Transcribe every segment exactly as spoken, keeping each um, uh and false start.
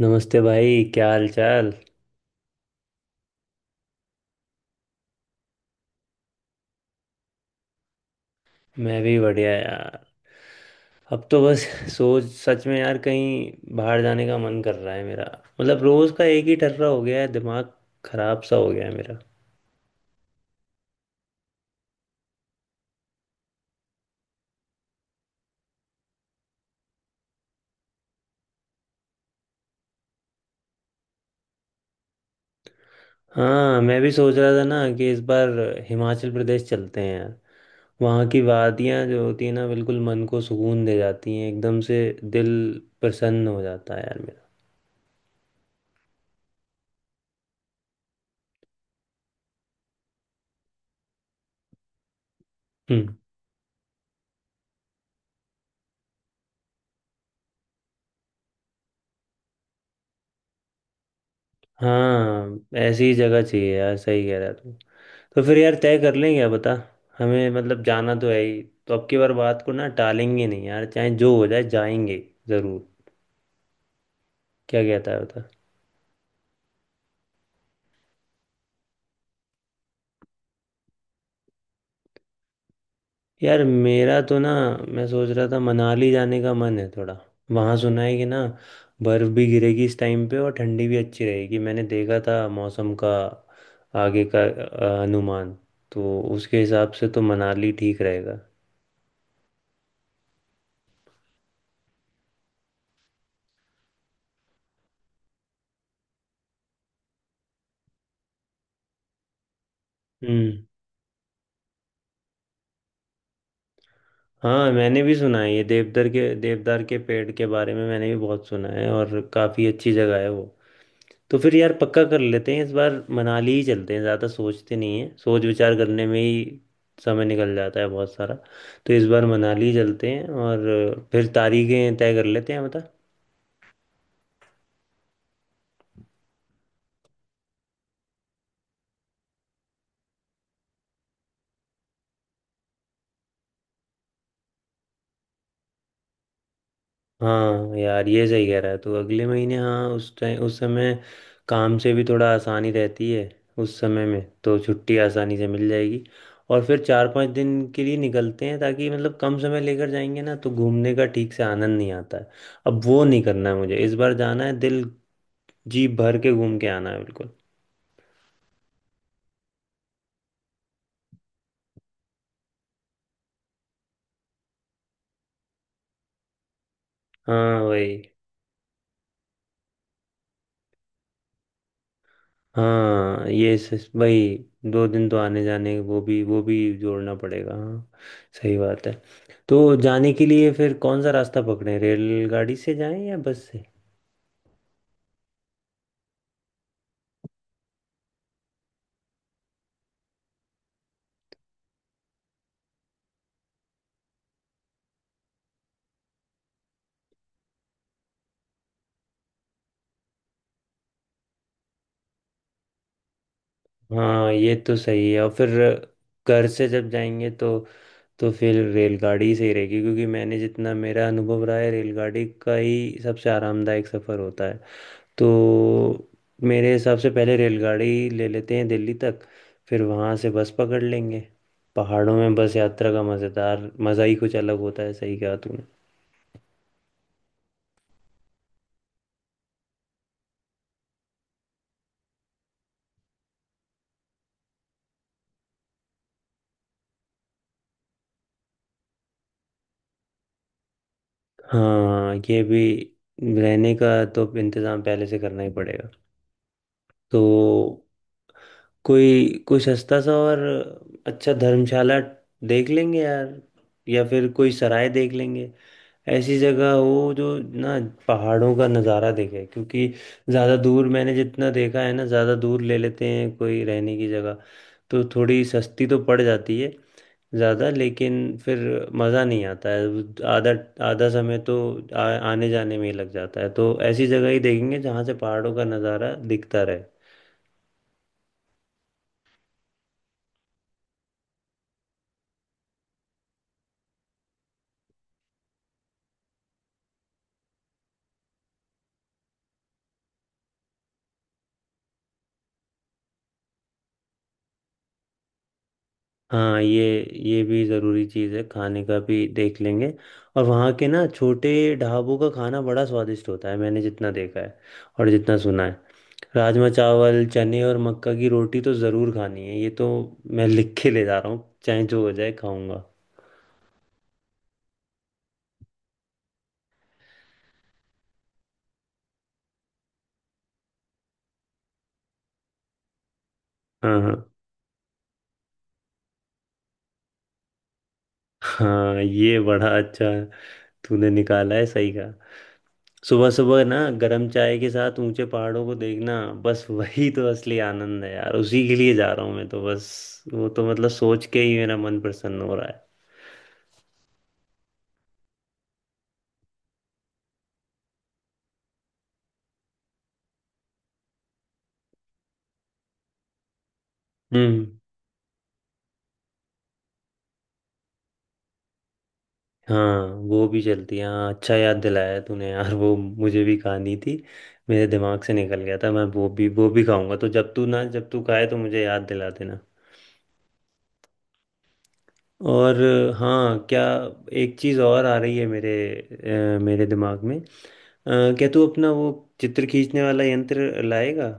नमस्ते भाई, क्या हाल चाल। मैं भी बढ़िया यार। अब तो बस सोच, सच में यार कहीं बाहर जाने का मन कर रहा है मेरा। मतलब रोज का एक ही टर्रा हो गया है, दिमाग खराब सा हो गया है मेरा। हाँ, मैं भी सोच रहा था ना कि इस बार हिमाचल प्रदेश चलते हैं यार। वहाँ की वादियाँ जो होती है ना, बिल्कुल मन को सुकून दे जाती हैं, एकदम से दिल प्रसन्न हो जाता है यार मेरा। हम्म। हाँ, ऐसी जगह चाहिए यार, सही कह रहा तू। तो फिर यार तय कर लें, क्या बता। हमें मतलब जाना तो है ही, तो अब की बार बात को ना टालेंगे नहीं यार, चाहे जो हो जाए जाएंगे ज़रूर। क्या कहता है बता। यार मेरा तो ना, मैं सोच रहा था मनाली जाने का मन है थोड़ा। वहाँ सुना है कि ना बर्फ़ भी गिरेगी इस टाइम पे और ठंडी भी अच्छी रहेगी। मैंने देखा था मौसम का आगे का अ, अनुमान। तो उसके हिसाब से तो मनाली ठीक रहेगा। हम्म। हाँ, मैंने भी सुना है ये देवदार के देवदार के पेड़ के बारे में मैंने भी बहुत सुना है, और काफ़ी अच्छी जगह है वो। तो फिर यार पक्का कर लेते हैं, इस बार मनाली ही चलते हैं। ज़्यादा सोचते नहीं है, सोच विचार करने में ही समय निकल जाता है बहुत सारा। तो इस बार मनाली चलते हैं और फिर तारीखें तय कर लेते हैं बता। हाँ यार, ये सही कह रहा है तू। अगले महीने, हाँ उस टाइम, उस समय काम से भी थोड़ा आसानी रहती है। उस समय में तो छुट्टी आसानी से मिल जाएगी। और फिर चार पांच दिन के लिए निकलते हैं, ताकि मतलब कम समय लेकर जाएंगे ना तो घूमने का ठीक से आनंद नहीं आता है। अब वो नहीं करना है मुझे, इस बार जाना है, दिल जी भर के घूम के आना है बिल्कुल। हाँ वही। हाँ ये सच भाई। दो दिन तो आने जाने वो भी वो भी जोड़ना पड़ेगा हाँ। सही बात है। तो जाने के लिए फिर कौन सा रास्ता पकड़ें, रेलगाड़ी से जाएं या बस से। हाँ ये तो सही है, और फिर घर से जब जाएंगे तो तो फिर रेलगाड़ी सही रहेगी, क्योंकि मैंने जितना मेरा अनुभव रहा है रेलगाड़ी का ही सबसे आरामदायक सफ़र होता है। तो मेरे हिसाब से पहले रेलगाड़ी ले लेते हैं दिल्ली तक, फिर वहाँ से बस पकड़ लेंगे। पहाड़ों में बस यात्रा का मज़ेदार मज़ा ही कुछ अलग होता है, सही कहा तूने। हाँ ये भी। रहने का तो इंतज़ाम पहले से करना ही पड़ेगा। तो कोई कोई सस्ता सा और अच्छा धर्मशाला देख लेंगे यार, या फिर कोई सराय देख लेंगे। ऐसी जगह हो जो ना पहाड़ों का नज़ारा देखे। क्योंकि ज़्यादा दूर, मैंने जितना देखा है ना ज़्यादा दूर ले लेते हैं कोई रहने की जगह तो थोड़ी सस्ती तो पड़ जाती है ज़्यादा, लेकिन फिर मज़ा नहीं आता है। आधा आधा समय तो आ, आने जाने में ही लग जाता है। तो ऐसी जगह ही देखेंगे जहाँ से पहाड़ों का नज़ारा दिखता रहे। हाँ ये ये भी ज़रूरी चीज़ है, खाने का भी देख लेंगे। और वहाँ के ना छोटे ढाबों का खाना बड़ा स्वादिष्ट होता है, मैंने जितना देखा है और जितना सुना है। राजमा चावल चने और मक्का की रोटी तो ज़रूर खानी है, ये तो मैं लिख के ले जा रहा हूँ, चाहे जो हो जाए खाऊंगा। हाँ हाँ। हाँ ये बड़ा अच्छा तूने निकाला है, सही का। सुबह सुबह ना गरम चाय के साथ ऊंचे पहाड़ों को देखना, बस वही तो असली आनंद है यार, उसी के लिए जा रहा हूँ मैं तो बस। वो तो मतलब सोच के ही मेरा मन प्रसन्न हो रहा है। हम्म। हाँ वो भी चलती है हाँ, अच्छा याद दिलाया तूने यार, वो मुझे भी खानी थी, मेरे दिमाग से निकल गया था। मैं वो भी वो भी खाऊंगा। तो जब तू ना जब तू खाए तो मुझे याद दिला देना। और हाँ क्या, एक चीज़ और आ रही है मेरे अ, मेरे दिमाग में, अ, क्या तू अपना वो चित्र खींचने वाला यंत्र लाएगा।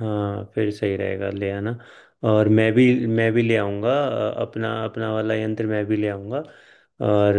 हाँ फिर सही रहेगा, ले आना। और मैं भी मैं भी ले आऊँगा, अ, अपना अपना वाला यंत्र मैं भी ले आऊँगा। और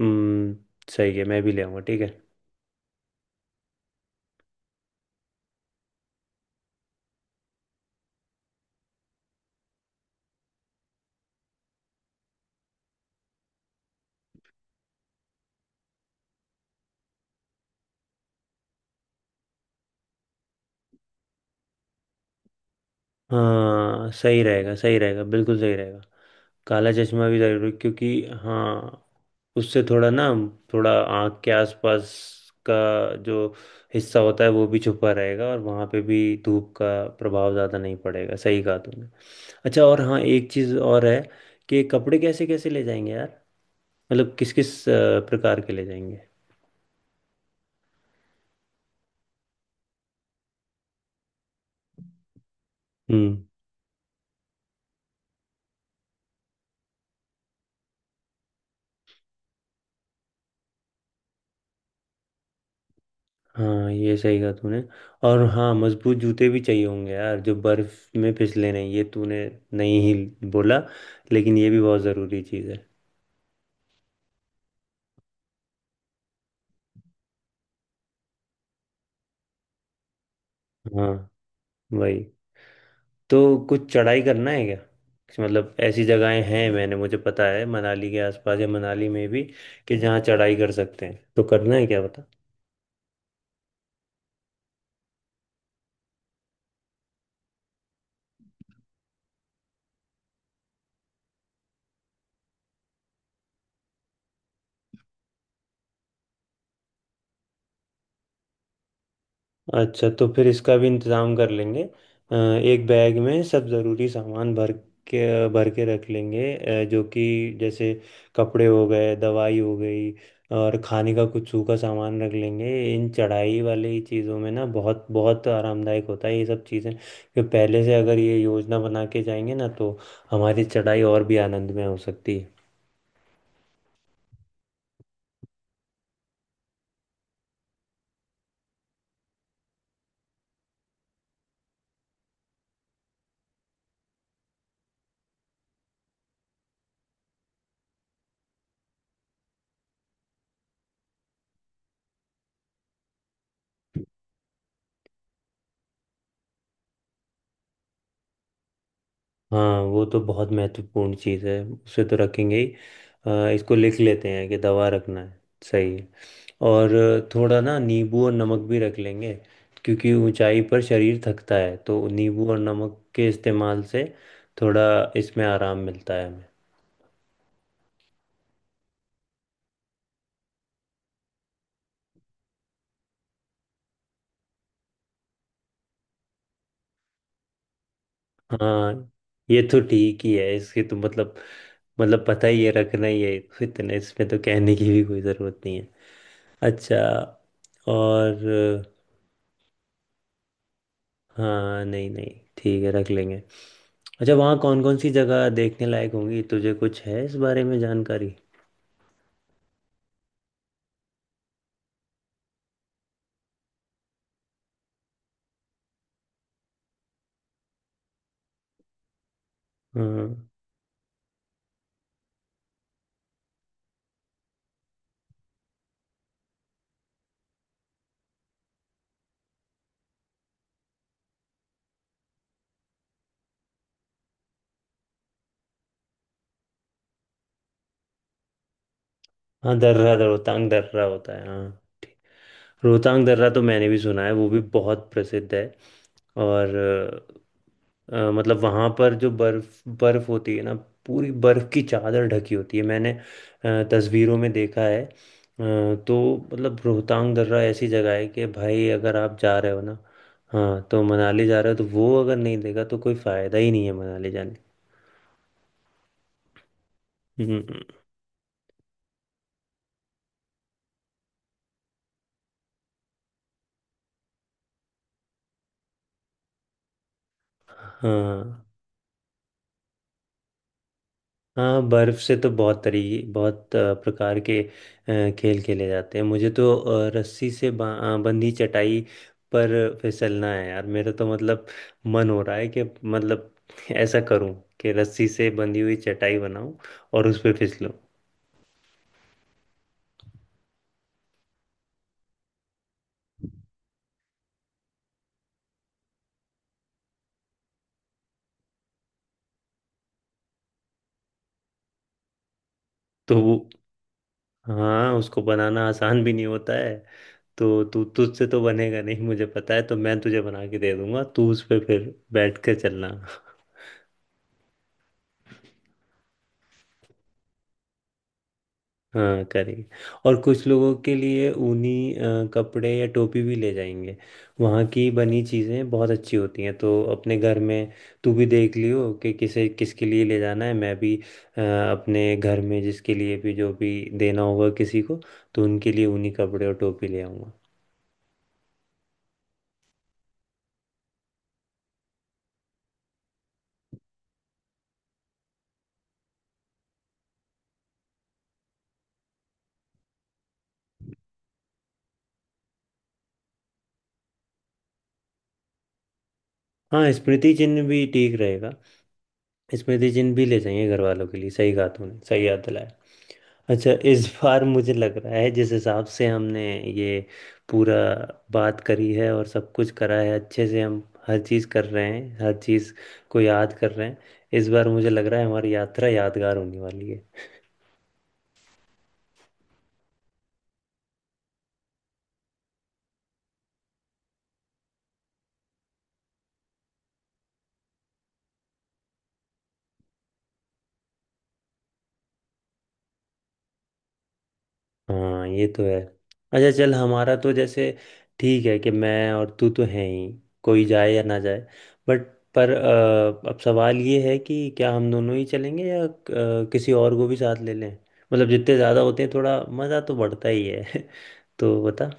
अम, सही है, मैं भी ले आऊँगा, ठीक है। हाँ सही रहेगा, सही रहेगा, बिल्कुल सही रहेगा। काला चश्मा भी जरूरी, क्योंकि हाँ उससे थोड़ा ना, थोड़ा आँख के आसपास का जो हिस्सा होता है वो भी छुपा रहेगा, और वहाँ पे भी धूप का प्रभाव ज़्यादा नहीं पड़ेगा, सही कहा तुमने। अच्छा और हाँ, एक चीज़ और है कि कपड़े कैसे कैसे ले जाएंगे यार, मतलब किस किस अ, प्रकार के ले जाएंगे। हम्म। हाँ ये सही कहा तूने। और हाँ मजबूत जूते भी चाहिए होंगे यार जो बर्फ में फिसले नहीं, ये तूने नहीं ही बोला, लेकिन ये भी बहुत ज़रूरी चीज़ है। हाँ वही। तो कुछ चढ़ाई करना है क्या, कुछ मतलब ऐसी जगहें हैं मैंने, मुझे पता है मनाली के आसपास या मनाली में भी, कि जहाँ चढ़ाई कर सकते हैं, तो करना है क्या। अच्छा तो फिर इसका भी इंतज़ाम कर लेंगे। अ, एक बैग में सब ज़रूरी सामान भर के भर के रख लेंगे, अ, जो कि जैसे कपड़े हो गए, दवाई हो गई, और खाने का कुछ सूखा सामान रख लेंगे। इन चढ़ाई वाले ही चीज़ों में ना बहुत बहुत आरामदायक होता है ये सब चीज़ें, कि पहले से अगर ये योजना बना के जाएंगे ना, तो हमारी चढ़ाई और भी आनंद में हो सकती है। हाँ वो तो बहुत महत्वपूर्ण चीज़ है, उसे तो रखेंगे ही। अ, इसको लिख लेते हैं कि दवा रखना है, सही है। और थोड़ा ना नींबू और नमक भी रख लेंगे, क्योंकि ऊंचाई पर शरीर थकता है तो नींबू और नमक के इस्तेमाल से थोड़ा इसमें आराम मिलता है हमें। हाँ ये तो ठीक ही है, इसके तो मतलब मतलब पता ही है रखना ही है, तो इतने, इसमें तो कहने की भी कोई ज़रूरत नहीं है। अच्छा। और हाँ नहीं नहीं ठीक है, रख लेंगे। अच्छा, वहाँ कौन कौन सी जगह देखने लायक होंगी, तुझे कुछ है इस बारे में जानकारी। हाँ हाँ दर्रा, दर- रोहतांग दर्रा होता है हाँ। ठीक, रोहतांग दर्रा तो मैंने भी सुना है, वो भी बहुत प्रसिद्ध है। और अ, अ, मतलब वहाँ पर जो बर्फ बर्फ होती है ना, पूरी बर्फ की चादर ढकी होती है, मैंने अ, तस्वीरों में देखा है, अ, तो मतलब रोहतांग दर्रा ऐसी जगह है कि भाई अगर आप जा रहे हो ना, हाँ तो मनाली जा रहे हो तो वो अगर नहीं देखा तो कोई फायदा ही नहीं है मनाली जाने। हम्म। हाँ हाँ, बर्फ से तो बहुत तरीके, बहुत अ, प्रकार के अ, खेल खेले जाते हैं। मुझे तो अ, रस्सी से बा- अ, बंधी चटाई पर फिसलना है यार मेरा, तो मतलब मन हो रहा है कि मतलब ऐसा करूं कि रस्सी से बंधी हुई चटाई बनाऊं और उस पे फिसलूं। तो वो, हाँ उसको बनाना आसान भी नहीं होता है। तो तू, तुझसे तो बनेगा नहीं मुझे पता है, तो मैं तुझे बना के दे दूंगा, तू उस पे फिर बैठ कर चलना। हाँ करेंगे। और कुछ लोगों के लिए ऊनी अ, कपड़े या टोपी भी ले जाएंगे, वहाँ की बनी चीज़ें बहुत अच्छी होती हैं, तो अपने घर में तू भी देख लियो कि किसे किसके लिए ले जाना है। मैं भी अ, अपने घर में जिसके लिए भी जो भी देना होगा किसी को, तो उनके लिए ऊनी कपड़े और टोपी ले आऊँगा। हाँ स्मृति चिन्ह भी ठीक रहेगा, स्मृति चिन्ह भी ले जाएंगे घर वालों के लिए, सही कहा तूने, सही याद दिलाया। अच्छा इस बार मुझे लग रहा है, जिस हिसाब से हमने ये पूरा बात करी है और सब कुछ करा है अच्छे से, हम हर चीज़ कर रहे हैं, हर चीज़ को याद कर रहे हैं। इस बार मुझे लग रहा है हमारी यात्रा यादगार होने वाली है। हाँ ये तो है। अच्छा चल, हमारा तो जैसे ठीक है कि मैं और तू तो हैं ही, कोई जाए या ना जाए। बट, पर अ, अब सवाल ये है कि क्या हम दोनों ही चलेंगे या अ, किसी और को भी साथ ले लें। मतलब जितने ज़्यादा होते हैं थोड़ा मज़ा तो बढ़ता ही है तो बता।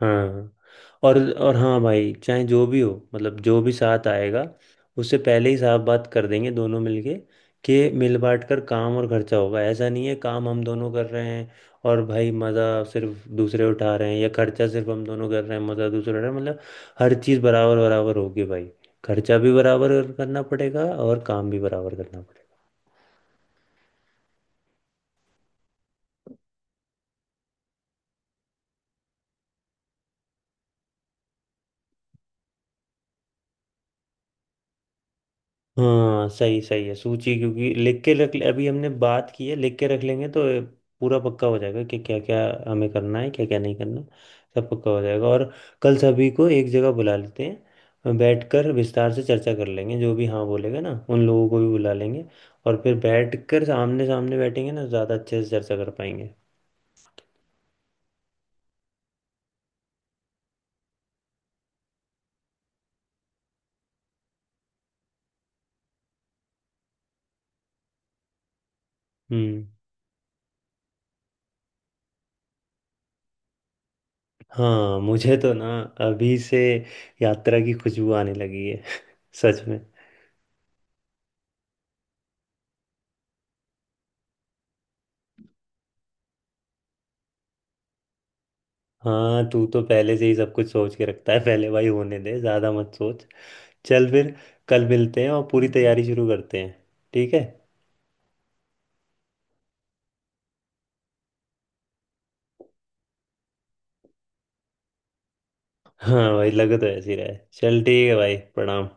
हाँ और और हाँ भाई, चाहे जो भी हो मतलब, जो भी साथ आएगा उससे पहले ही साफ बात कर देंगे दोनों मिलके, कि मिल बांट कर काम और खर्चा होगा। ऐसा नहीं है काम हम दोनों कर रहे हैं और भाई मज़ा सिर्फ दूसरे उठा रहे हैं, या खर्चा सिर्फ हम दोनों कर रहे हैं मज़ा दूसरे उठा रहे हैं। मतलब हर चीज़ बराबर बराबर होगी भाई, खर्चा भी बराबर करना पड़ेगा और काम भी बराबर करना पड़ेगा। हाँ सही, सही है सूची, क्योंकि लिख के रख, अभी हमने बात की है लिख के रख लेंगे तो पूरा पक्का हो जाएगा कि क्या क्या हमें करना है, क्या क्या नहीं करना, सब पक्का हो जाएगा। और कल सभी को एक जगह बुला लेते हैं, बैठकर विस्तार से चर्चा कर लेंगे, जो भी हाँ बोलेगा ना उन लोगों को भी बुला लेंगे, और फिर बैठकर सामने सामने बैठेंगे ना ज़्यादा अच्छे से चर्चा कर पाएंगे। हम्म। हाँ मुझे तो ना, अभी से यात्रा की खुशबू आने लगी है सच में। हाँ तू तो पहले से ही सब कुछ सोच के रखता है पहले भाई, होने दे, ज्यादा मत सोच। चल फिर कल मिलते हैं और पूरी तैयारी शुरू करते हैं, ठीक है। हाँ भाई लगे तो ऐसे ही रहा है, चल ठीक है भाई, प्रणाम।